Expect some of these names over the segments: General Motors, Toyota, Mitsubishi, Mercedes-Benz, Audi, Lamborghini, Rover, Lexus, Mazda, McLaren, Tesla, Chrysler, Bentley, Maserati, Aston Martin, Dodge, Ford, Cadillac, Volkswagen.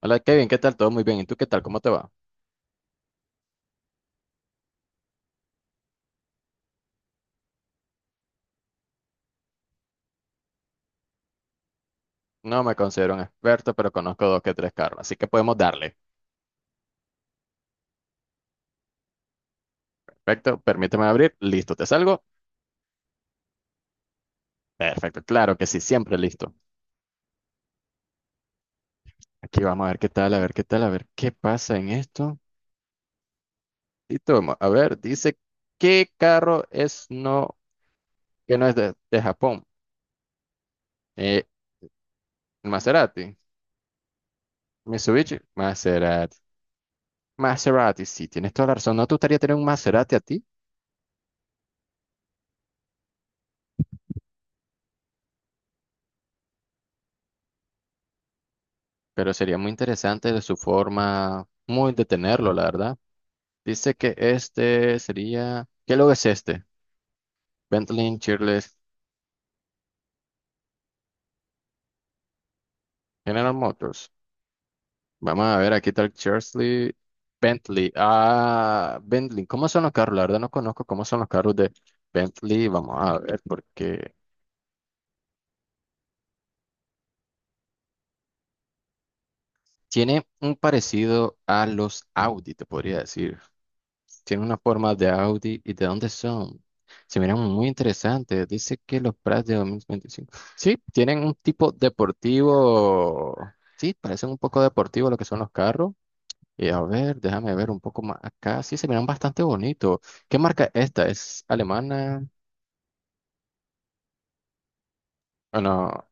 Hola Kevin, ¿qué tal? Todo muy bien. ¿Y tú qué tal? ¿Cómo te va? No me considero un experto, pero conozco dos que tres carros, así que podemos darle. Perfecto, permíteme abrir. Listo, ¿te salgo? Perfecto, claro que sí, siempre listo. Aquí vamos a ver qué tal, a ver qué tal, a ver qué pasa en esto. Y toma, a ver, dice, ¿qué carro es no, que no es de Japón? Eh, Maserati, Mitsubishi, Maserati. Maserati, sí, tienes toda la razón. ¿No te gustaría tener un Maserati a ti? Pero sería muy interesante de su forma, muy de tenerlo, la verdad. Dice que este sería. ¿Qué logo es este? Bentley Cheerless General Motors. Vamos a ver, aquí está el Cheersley Bentley. Ah, Bentley. ¿Cómo son los carros? La verdad no conozco cómo son los carros de Bentley. Vamos a ver, porque tiene un parecido a los Audi, te podría decir. Tiene una forma de Audi y de dónde son. Se miran muy interesantes. Dice que los Prats de 2025 sí, tienen un tipo deportivo. Sí, parecen un poco deportivos lo que son los carros. Y a ver, déjame ver un poco más acá. Sí, se miran bastante bonitos. ¿Qué marca es esta? ¿Es alemana? Ah, no.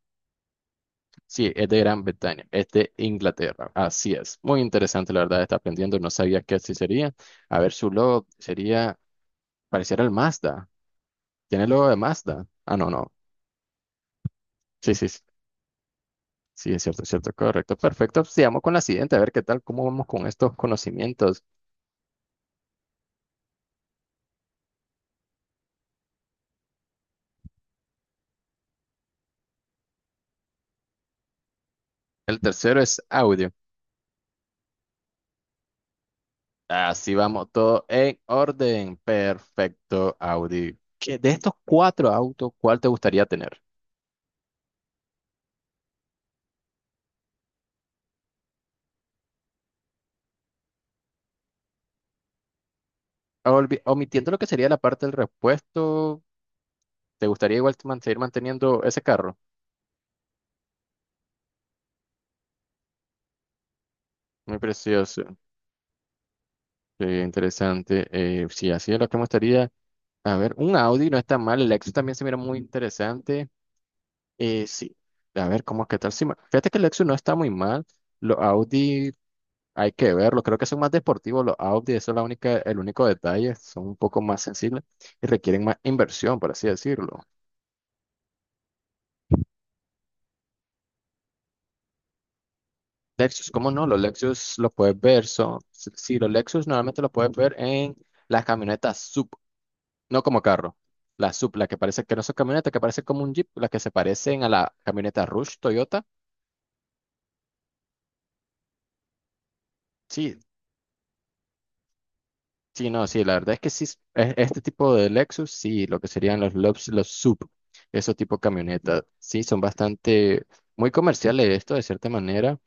Sí, es de Gran Bretaña. Es de Inglaterra. Así es. Muy interesante, la verdad, está aprendiendo. No sabía que así sería. A ver, su logo sería, pareciera el Mazda. ¿Tiene el logo de Mazda? Ah, no, no. Sí, sí, sí, sí, es cierto, correcto, perfecto. Pues, sigamos con la siguiente, a ver qué tal, cómo vamos con estos conocimientos. El tercero es audio. Así vamos, todo en orden. Perfecto, audio. ¿ De estos cuatro autos, ¿cuál te gustaría tener? Omitiendo lo que sería la parte del repuesto, ¿te gustaría igual seguir manteniendo ese carro? Muy precioso, sí, interesante. Sí, así es lo que me gustaría. A ver, un Audi no está mal, el Lexus también se mira muy interesante. Sí, a ver cómo qué tal. Si fíjate que el Lexus no está muy mal. Los Audi hay que verlo. Creo que son más deportivos los Audi. Eso es la única, el único detalle. Son un poco más sensibles y requieren más inversión, por así decirlo. Lexus, ¿cómo no? Los Lexus los puedes ver. Son, sí, sí, los Lexus normalmente los puedes ver en las camionetas sub, no como carro. La sub, la que parece que no son camionetas, que parece como un Jeep, las que se parecen a la camioneta Rush Toyota. Sí, sí, no, sí, la verdad es que sí, este tipo de Lexus, sí, lo que serían los Lux, los SUV, esos tipo camionetas, sí, son bastante, muy comerciales esto de cierta manera,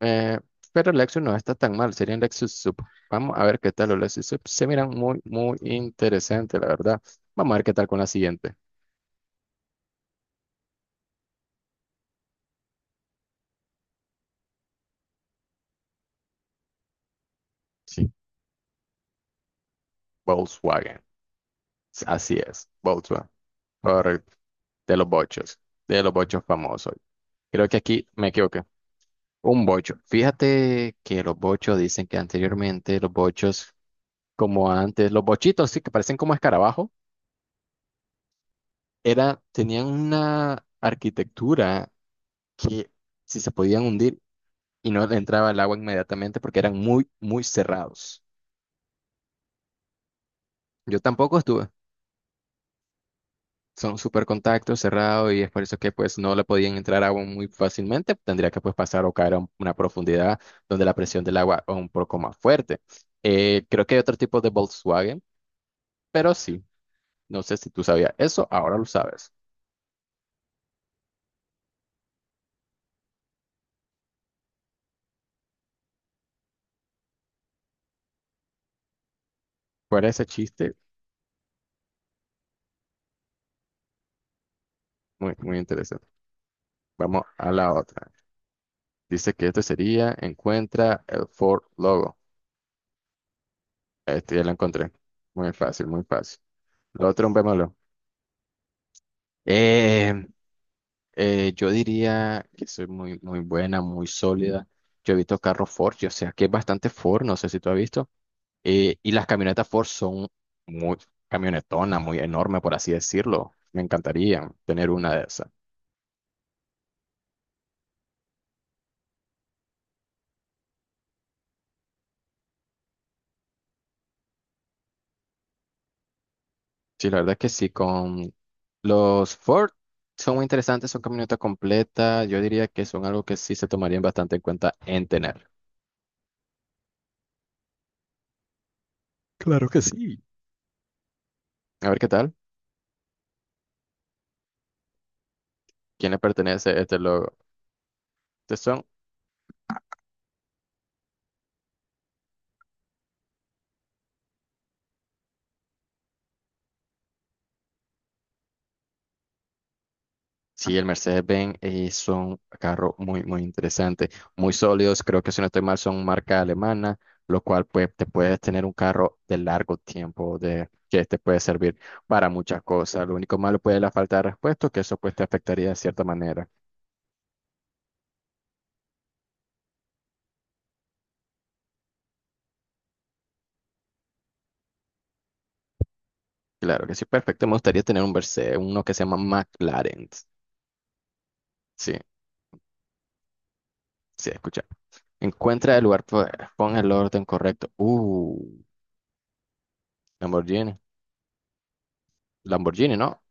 eh, pero el Lexus no está tan mal, serían Lexus SUV. Vamos a ver qué tal los Lexus SUV, se miran muy, muy interesantes, la verdad. Vamos a ver qué tal con la siguiente. Sí, Volkswagen, así es, Volkswagen, correcto, de los bochos, de los bochos famosos. Creo que aquí me equivoqué. Un bocho. Fíjate que los bochos dicen que anteriormente los bochos, como antes, los bochitos, sí, que parecen como escarabajo, era, tenían una arquitectura que si se podían hundir y no le entraba el agua inmediatamente porque eran muy, muy cerrados. Yo tampoco estuve. Son súper contactos, cerrados y es por eso que pues no le podían entrar agua muy fácilmente. Tendría que pues pasar o caer a una profundidad donde la presión del agua es un poco más fuerte. Creo que hay otro tipo de Volkswagen, pero sí. No sé si tú sabías eso, ahora lo sabes. Fuera ese chiste, muy, muy interesante. Vamos a la otra. Dice que este sería, encuentra el Ford logo. Este ya lo encontré. Muy fácil, muy fácil. Lo otro, un bémolo. Eh, yo diría que soy muy, muy buena, muy sólida. Yo he visto carros Ford, o sea que es bastante Ford, no sé si tú has visto. Y las camionetas Ford son muy camionetonas, muy enormes, por así decirlo. Me encantaría tener una de esas. Sí, la verdad que sí, con los Ford son muy interesantes, son camionetas completas, yo diría que son algo que sí se tomarían bastante en cuenta en tener. Claro que sí. A ver qué tal, ¿quién le pertenece este logo? Estos son, sí, el Mercedes-Benz son carros muy, muy interesantes, muy sólidos, creo que si no estoy mal son marca alemana, lo cual pues te puedes tener un carro de largo tiempo, de que te puede servir para muchas cosas. Lo único malo puede ser la falta de repuestos, que eso pues te afectaría de cierta manera. Claro que sí, perfecto. Me gustaría tener un Verse, uno que se llama McLaren. Sí, sí, escucha. Encuentra el lugar, pon el orden correcto. Lamborghini. Lamborghini, ¿no?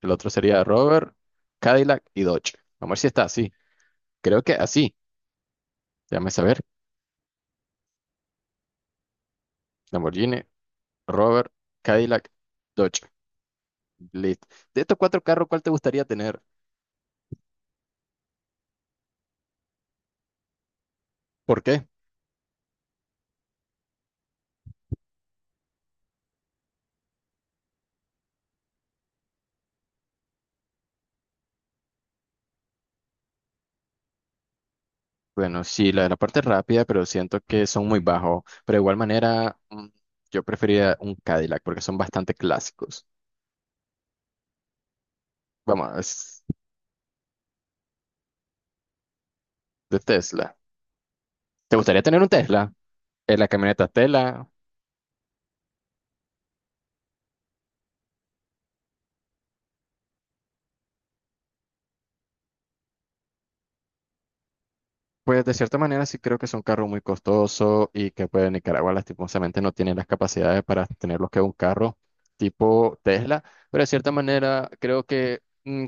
El otro sería Rover, Cadillac y Dodge. Vamos a ver si está así. Creo que así. Déjame saber. Lamborghini, Rover, Cadillac, Dodge. Listo. De estos cuatro carros, ¿cuál te gustaría tener? ¿Por qué? Bueno, sí, la de la parte rápida, pero siento que son muy bajos. Pero de igual manera, yo preferiría un Cadillac porque son bastante clásicos. Vamos, es de Tesla. ¿Te gustaría tener un Tesla? La camioneta Tesla, pues de cierta manera sí creo que es un carro muy costoso y que pues Nicaragua lastimosamente no tiene las capacidades para tener lo que es un carro tipo Tesla, pero de cierta manera creo que mm,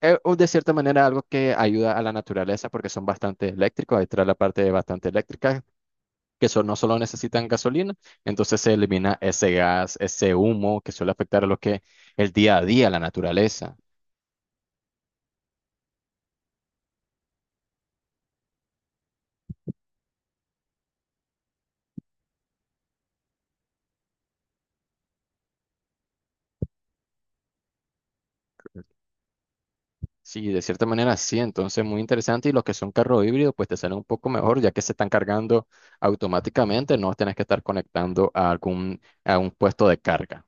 eh, o de cierta manera algo que ayuda a la naturaleza porque son bastante eléctricos, ahí trae la parte bastante eléctrica que no solo necesitan gasolina, entonces se elimina ese gas, ese humo que suele afectar a lo que el día a día, la naturaleza. Sí, de cierta manera sí, entonces muy interesante y los que son carros híbridos pues te salen un poco mejor ya que se están cargando automáticamente, no tienes que estar conectando a algún a un puesto de carga.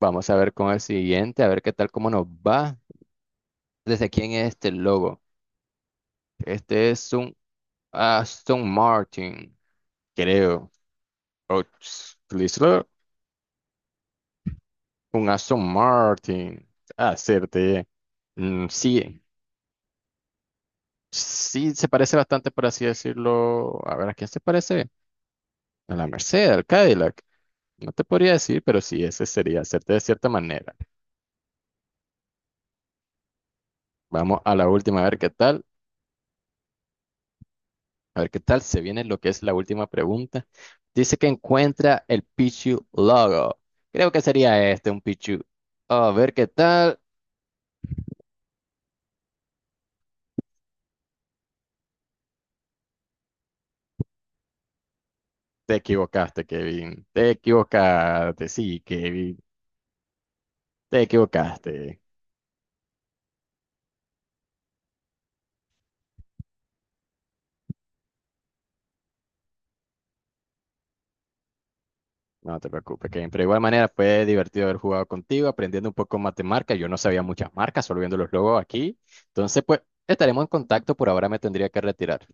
Vamos a ver con el siguiente, a ver qué tal cómo nos va. ¿Desde quién es este logo? Este es un Aston Martin, creo. O Chrysler. Un Aston Martin. Hacerte. Sí, sí se parece bastante, por así decirlo. A ver, ¿a quién se parece? A la Mercedes, al Cadillac. No te podría decir, pero sí, ese sería hacerte de cierta manera. Vamos a la última, a ver qué tal. A ver qué tal se viene lo que es la última pregunta. Dice que encuentra el Pichu logo. Creo que sería este, un Pichu. A ver qué tal. Te equivocaste, Kevin. Te equivocaste, sí, Kevin. Te equivocaste. No te preocupes, Kevin. Pero de igual manera fue divertido haber jugado contigo, aprendiendo un poco más de marca. Yo no sabía muchas marcas, solo viendo los logos aquí. Entonces, pues, estaremos en contacto. Por ahora me tendría que retirar.